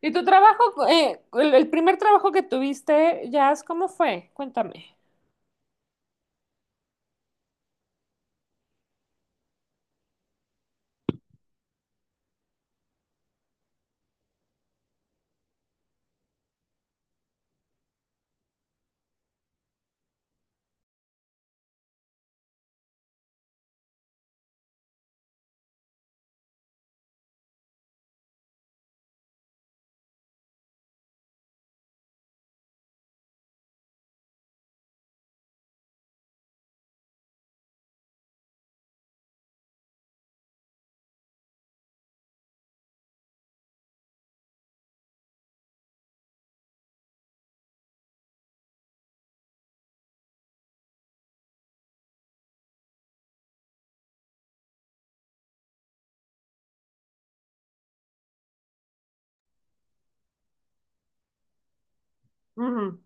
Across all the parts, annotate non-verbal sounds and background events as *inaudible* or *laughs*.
¿Y tu trabajo, el primer trabajo que tuviste, Jazz, cómo fue? Cuéntame. Ujú.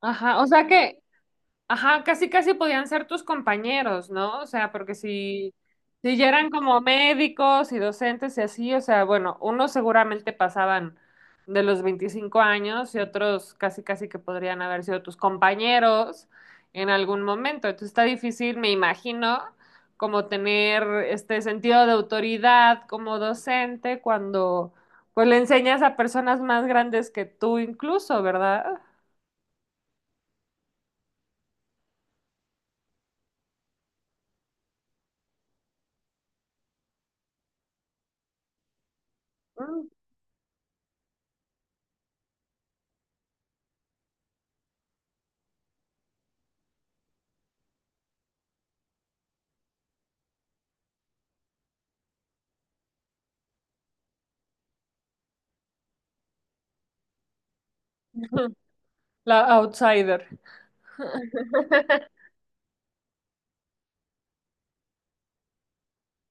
Ajá, o sea que, ajá, casi casi podían ser tus compañeros, ¿no? O sea, porque si, si ya eran como médicos y docentes y así, o sea, bueno, unos seguramente pasaban de los 25 años y otros casi casi que podrían haber sido tus compañeros en algún momento. Entonces está difícil, me imagino, como tener este sentido de autoridad como docente cuando pues le enseñas a personas más grandes que tú incluso, ¿verdad? Mm. *laughs* La outsider.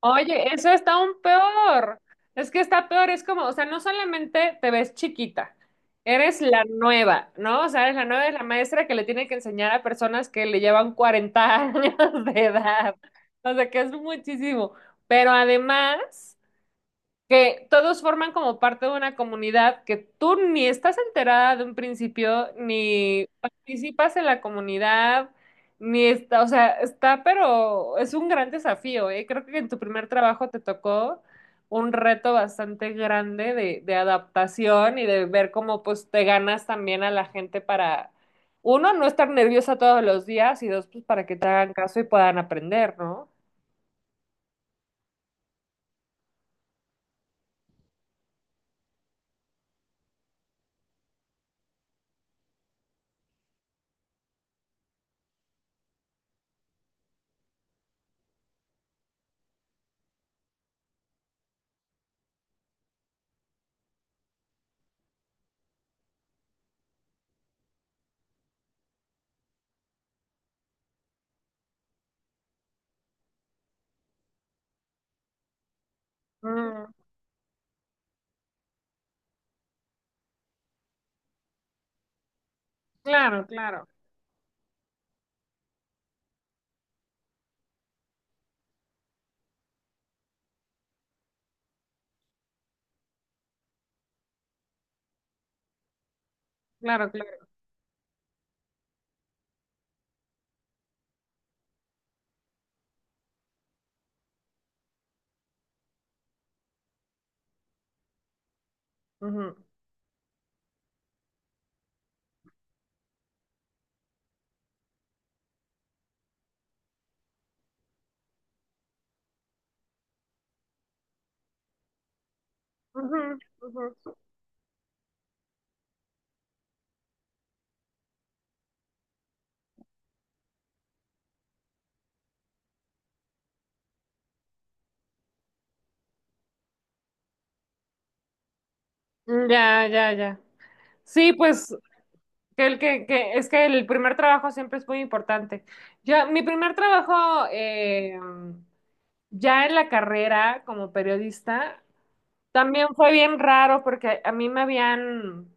Oye, eso está aún peor. Es que está peor, es como, o sea, no solamente te ves chiquita, eres la nueva, ¿no? O sea, eres la nueva, eres la maestra que le tiene que enseñar a personas que le llevan 40 *laughs* años de edad. O sea, que es muchísimo. Pero además, que todos forman como parte de una comunidad que tú ni estás enterada de un principio, ni participas en la comunidad, ni está, o sea, está, pero es un gran desafío, ¿eh? Creo que en tu primer trabajo te tocó un reto bastante grande de adaptación y de ver cómo pues te ganas también a la gente para, uno, no estar nerviosa todos los días y dos, pues para que te hagan caso y puedan aprender, ¿no? Mm, claro, claro, claro, claro. Ujú. Ujú, ujú. Ya, ya, ya. Sí, pues que es que el primer trabajo siempre es muy importante. Yo, mi primer trabajo ya en la carrera como periodista también fue bien raro porque a mí me habían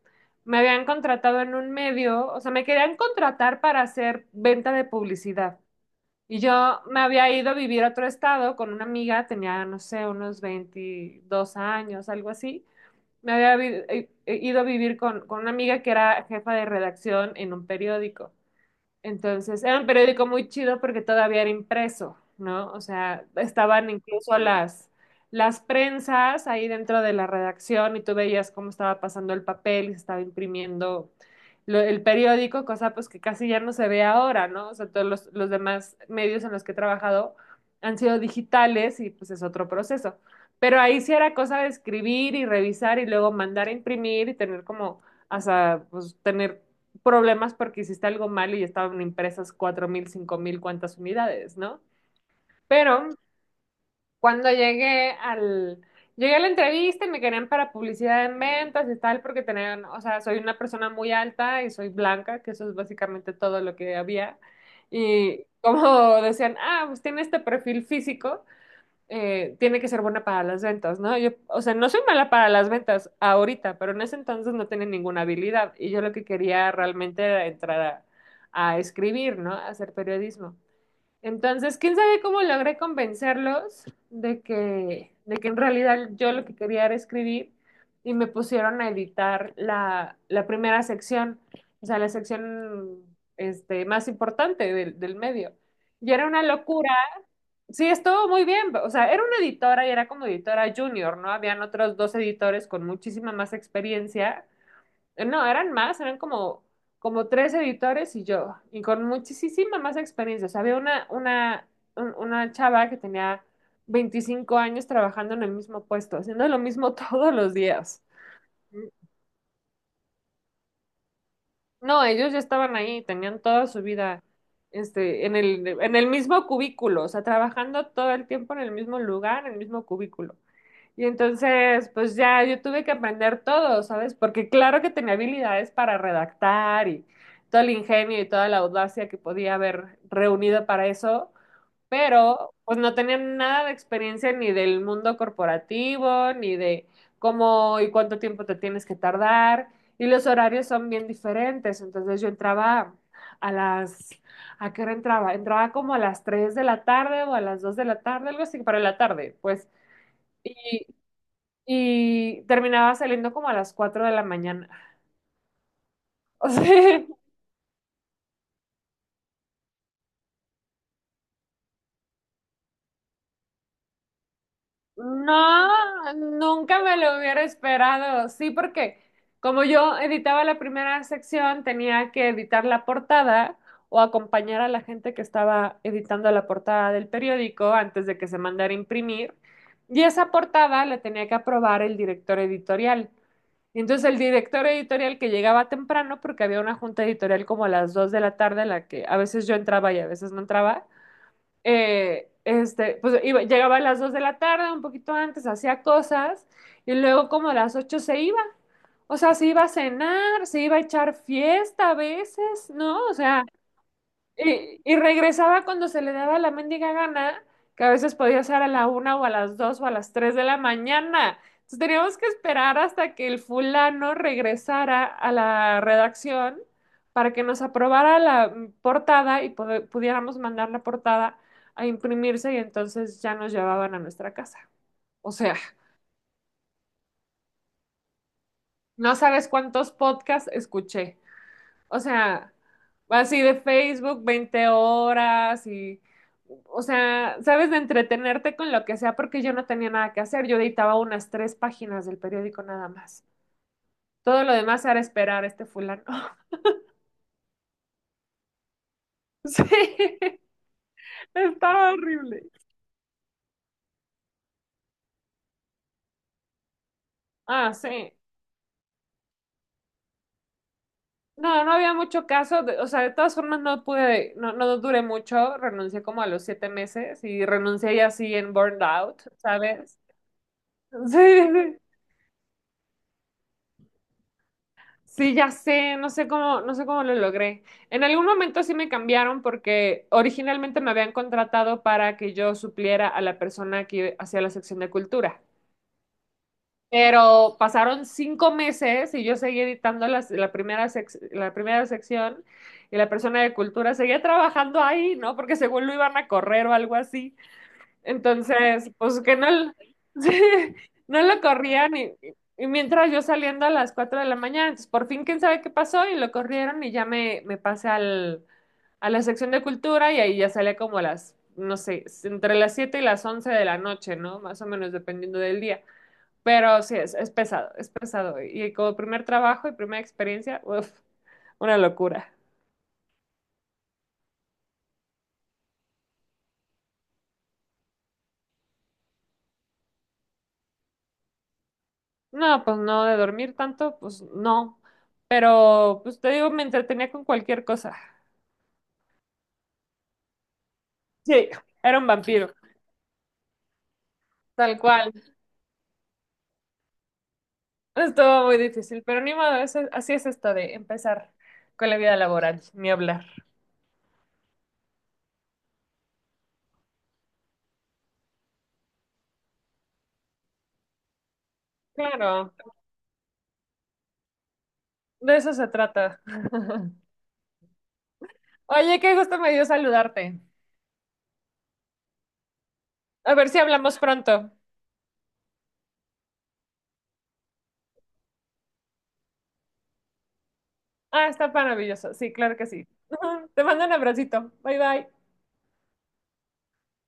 me habían contratado en un medio, o sea, me querían contratar para hacer venta de publicidad. Y yo me había ido a vivir a otro estado con una amiga, tenía, no sé, unos 22 años, algo así. Ido a vivir con una amiga que era jefa de redacción en un periódico. Entonces, era un periódico muy chido porque todavía era impreso, ¿no? O sea, estaban incluso las prensas ahí dentro de la redacción y tú veías cómo estaba pasando el papel y se estaba imprimiendo el periódico, cosa pues que casi ya no se ve ahora, ¿no? O sea, todos los demás medios en los que he trabajado han sido digitales y pues es otro proceso. Pero ahí sí era cosa de escribir y revisar y luego mandar a imprimir y tener como hasta pues tener problemas porque hiciste algo mal y estaban impresas 4,000 5,000 cuantas unidades, ¿no? Pero cuando llegué al... Llegué a la entrevista y me querían para publicidad en ventas y tal, porque tenían, o sea, soy una persona muy alta y soy blanca, que eso es básicamente todo lo que había. Y como *laughs* decían, ah, pues tiene este perfil físico, tiene que ser buena para las ventas, ¿no? Yo, o sea, no soy mala para las ventas ahorita, pero en ese entonces no tenía ninguna habilidad y yo lo que quería realmente era entrar a escribir, ¿no? A hacer periodismo. Entonces, quién sabe cómo logré convencerlos de que en realidad yo lo que quería era escribir y me pusieron a editar la primera sección, o sea, la sección este, más importante del medio. Y era una locura. Sí, estuvo muy bien. O sea, era una editora y era como editora junior, ¿no? Habían otros dos editores con muchísima más experiencia. No, eran más, eran como, como tres editores y yo, y con muchísima más experiencia. O sea, había una chava que tenía 25 años trabajando en el mismo puesto, haciendo lo mismo *laughs* todos los días. No, ellos ya estaban ahí, tenían toda su vida, este, en el mismo cubículo, o sea, trabajando todo el tiempo en el mismo lugar, en el mismo cubículo. Y entonces, pues ya yo tuve que aprender todo, ¿sabes? Porque claro que tenía habilidades para redactar y todo el ingenio y toda la audacia que podía haber reunido para eso, pero pues no tenía nada de experiencia ni del mundo corporativo, ni de cómo y cuánto tiempo te tienes que tardar. Y los horarios son bien diferentes. Entonces yo entraba a las... ¿A qué hora entraba? Entraba como a las 3 de la tarde o a las 2 de la tarde, algo así, para la tarde, pues. Y y terminaba saliendo como a las 4 de la mañana. *laughs* O sea, no, nunca me lo hubiera esperado. Sí, porque como yo editaba la primera sección, tenía que editar la portada o acompañar a la gente que estaba editando la portada del periódico antes de que se mandara a imprimir. Y esa portada la tenía que aprobar el director editorial. Y entonces el director editorial que llegaba temprano, porque había una junta editorial como a las 2 de la tarde, en la que a veces yo entraba y a veces no entraba, este, pues llegaba a las 2 de la tarde, un poquito antes, hacía cosas y luego como a las 8 se iba. O sea, se iba a cenar, se iba a echar fiesta a veces, ¿no? O sea, y regresaba cuando se le daba la mendiga gana, que a veces podía ser a la una o a las dos o a las 3 de la mañana. Entonces teníamos que esperar hasta que el fulano regresara a la redacción para que nos aprobara la portada y pudiéramos mandar la portada a imprimirse y entonces ya nos llevaban a nuestra casa. O sea, no sabes cuántos podcasts escuché. O sea, así de Facebook 20 horas y, o sea, sabes, de entretenerte con lo que sea, porque yo no tenía nada que hacer. Yo editaba unas tres páginas del periódico nada más. Todo lo demás era esperar a este fulano. *laughs* Sí, estaba horrible. Ah, sí. No, no había mucho caso. O sea, de todas formas no pude, no duré mucho. Renuncié como a los 7 meses y renuncié ya así en burned out, ¿sabes? *laughs* Sí, sí. Sí, ya sé, no sé cómo, no sé cómo lo logré. En algún momento sí me cambiaron porque originalmente me habían contratado para que yo supliera a la persona que hacía la sección de cultura. Pero pasaron 5 meses y yo seguí editando la primera sección y la persona de cultura seguía trabajando ahí, ¿no? Porque según lo iban a correr o algo así. Entonces, pues que no, l- *laughs* sí, no lo corrían y mientras yo saliendo a las 4 de la mañana, entonces por fin quién sabe qué pasó y lo corrieron y ya me pasé al, a la sección de cultura y ahí ya salía como a las, no sé, entre las 7 y las 11 de la noche, ¿no? Más o menos dependiendo del día. Pero sí, es pesado, es pesado. Y como primer trabajo y primera experiencia, uf, una locura. No, pues no, de dormir tanto, pues no. Pero, pues te digo, me entretenía con cualquier cosa. Sí, era un vampiro, tal cual. Estuvo muy difícil, pero ni modo, así es esto de empezar con la vida laboral, ni hablar. Claro, de eso se trata. *laughs* Oye, qué gusto me dio saludarte. A ver si hablamos pronto. Ah, está maravilloso. Sí, claro que sí. *laughs* Te mando un abracito. Bye bye.